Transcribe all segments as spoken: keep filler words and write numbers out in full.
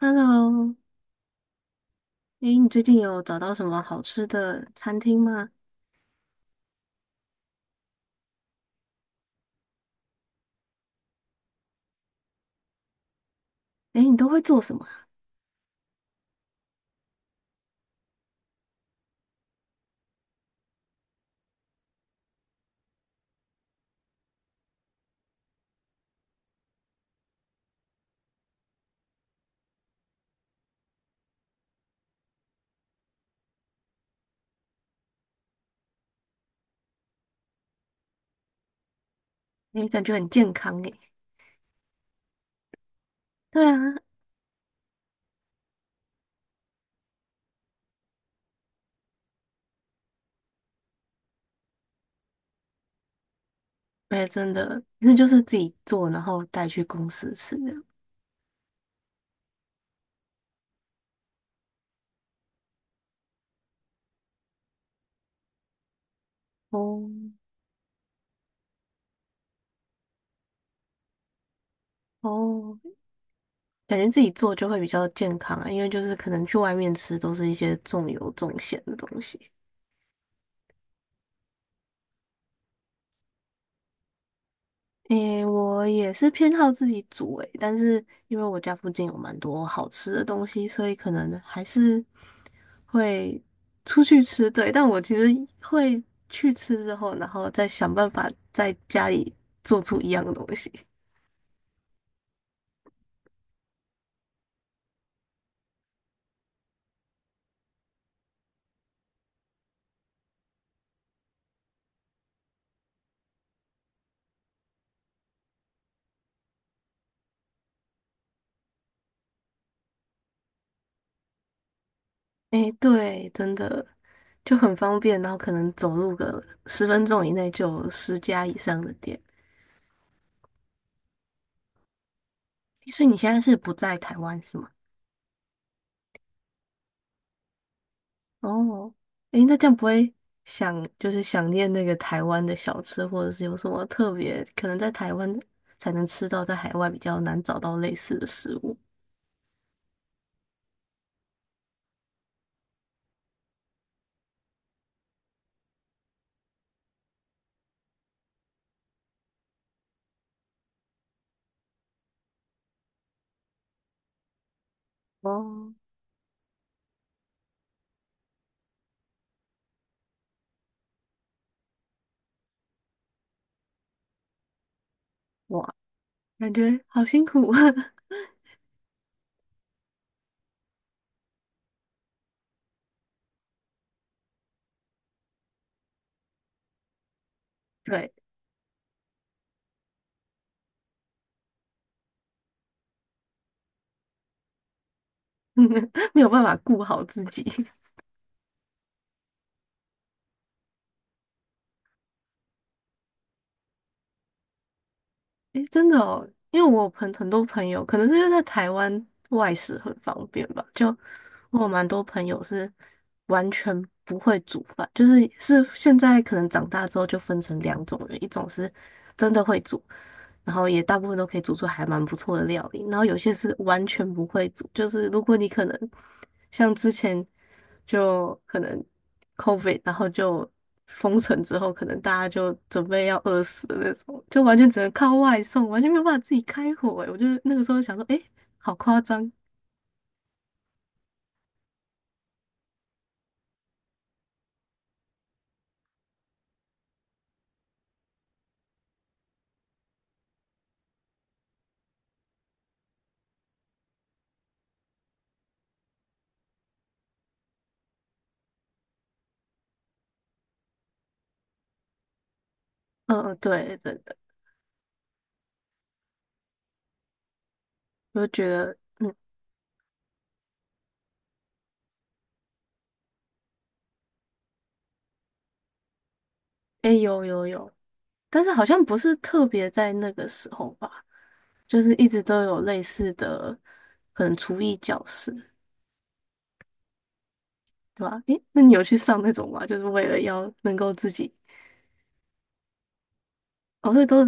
Hello，诶，你最近有找到什么好吃的餐厅吗？诶，你都会做什么啊？诶，感觉很健康诶。对啊，诶，真的，那就是自己做，然后带去公司吃的。哦哦，感觉自己做就会比较健康啊，因为就是可能去外面吃都是一些重油重咸的东西。诶，我也是偏好自己煮诶，但是因为我家附近有蛮多好吃的东西，所以可能还是会出去吃，对，但我其实会去吃之后，然后再想办法在家里做出一样的东西。诶，对，真的就很方便，然后可能走路个十分钟以内就有十家以上的店。所以你现在是不在台湾是吗？哦，诶，那这样不会想就是想念那个台湾的小吃，或者是有什么特别可能在台湾才能吃到，在海外比较难找到类似的食物？哦，哇。感觉好辛苦。对，没有办法顾好自己。诶，真的哦，因为我有朋很多朋友，可能是因为在台湾外食很方便吧，就我有蛮多朋友是完全不会煮饭，就是是现在可能长大之后就分成两种人，一种是真的会煮，然后也大部分都可以煮出还蛮不错的料理，然后有些是完全不会煮，就是如果你可能像之前。就可能 C O V I D，然后就封城之后，可能大家就准备要饿死的那种，就完全只能靠外送，完全没有办法自己开火、欸。我就那个时候想说，诶，好夸张。嗯嗯，对，真的，我就觉得，诶，有有有，但是好像不是特别在那个时候吧，就是一直都有类似的，可能厨艺教室，对吧？诶，那你有去上那种吗？就是为了要能够自己，哦，对，都，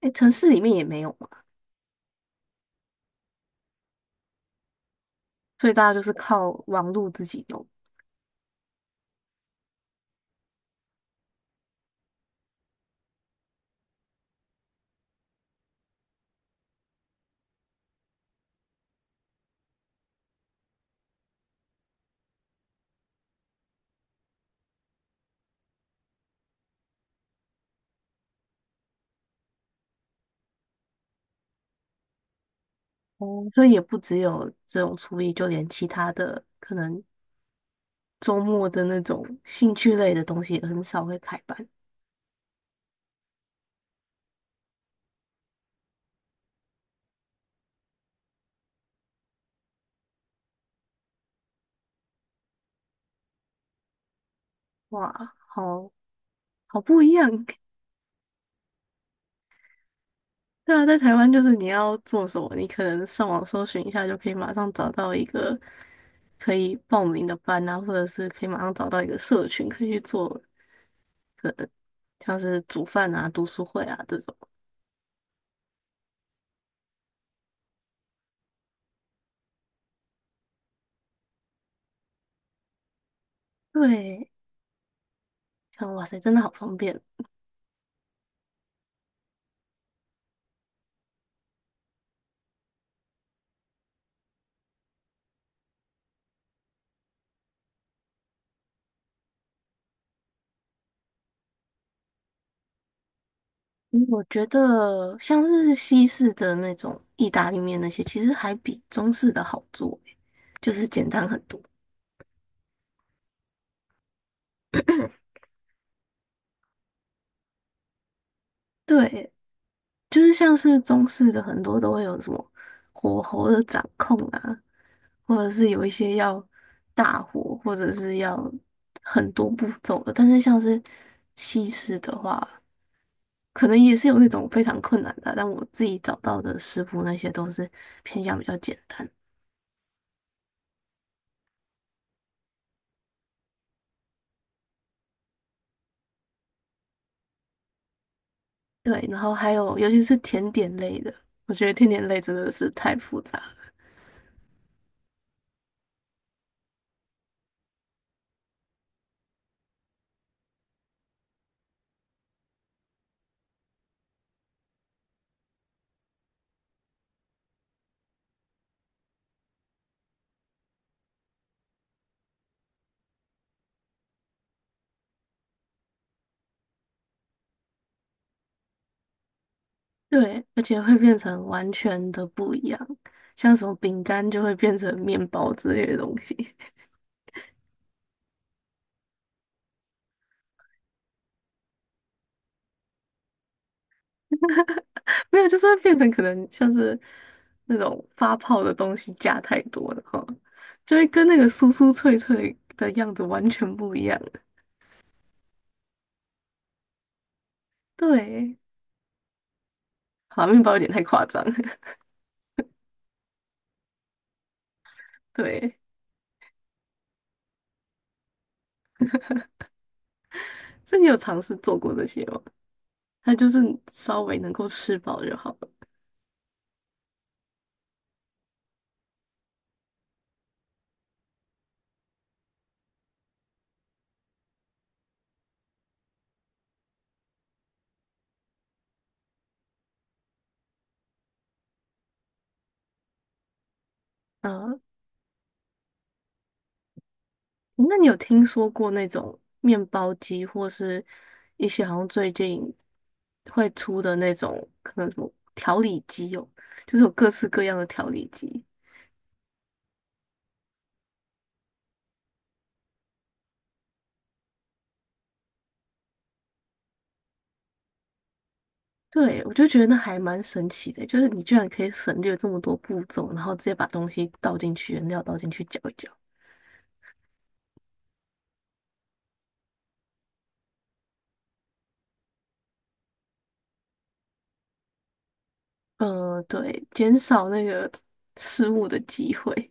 诶，城市里面也没有。所以大家就是靠网络自己弄，哦，所以也不只有这种厨艺，就连其他的可能周末的那种兴趣类的东西也很少会开班。哇，好好不一样。对啊，在台湾就是你要做什么，你可能上网搜寻一下就可以马上找到一个可以报名的班啊，或者是可以马上找到一个社群可以去做，可能像是煮饭啊、读书会啊这种。对，像哇塞，真的好方便。嗯我觉得像是西式的那种意大利面那些，其实还比中式的好做欸，就是简单很多。对，就是像是中式的很多都会有什么火候的掌控啊，或者是有一些要大火，或者是要很多步骤的。但是像是西式的话，可能也是有那种非常困难的啊但我自己找到的食谱那些都是偏向比较简单。对，然后还有尤其是甜点类的，我觉得甜点类真的是太复杂了，对，而且会变成完全的不一样，像什么饼干就会变成面包之类的东西，没有，就是会变成可能像是那种发泡的东西加太多了哈，就会跟那个酥酥脆脆的样子完全不一样。对，好，面包有点太夸张，对，所以你有尝试做过这些吗？它就是稍微能够吃饱就好了。嗯，那你有听说过那种面包机，或是一些好像最近会出的那种，可能什么调理机哦，就是有各式各样的调理机。对，我就觉得那还蛮神奇的，就是你居然可以省略这么多步骤，然后直接把东西倒进去，原料倒进去搅一搅。呃，对，减少那个失误的机会。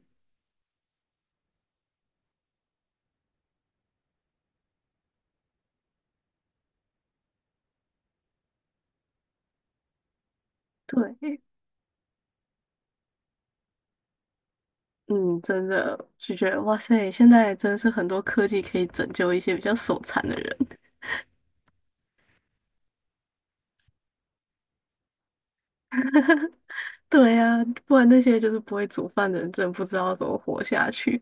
对，嗯，真的就觉得哇塞，现在真的是很多科技可以拯救一些比较手残的人。对呀、不然那些就是不会煮饭的人，真的不知道怎么活下去。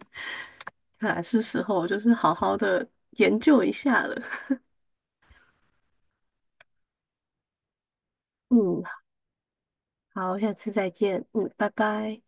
看来是时候就是好好的研究一下了。嗯，好，下次再见。嗯，拜拜。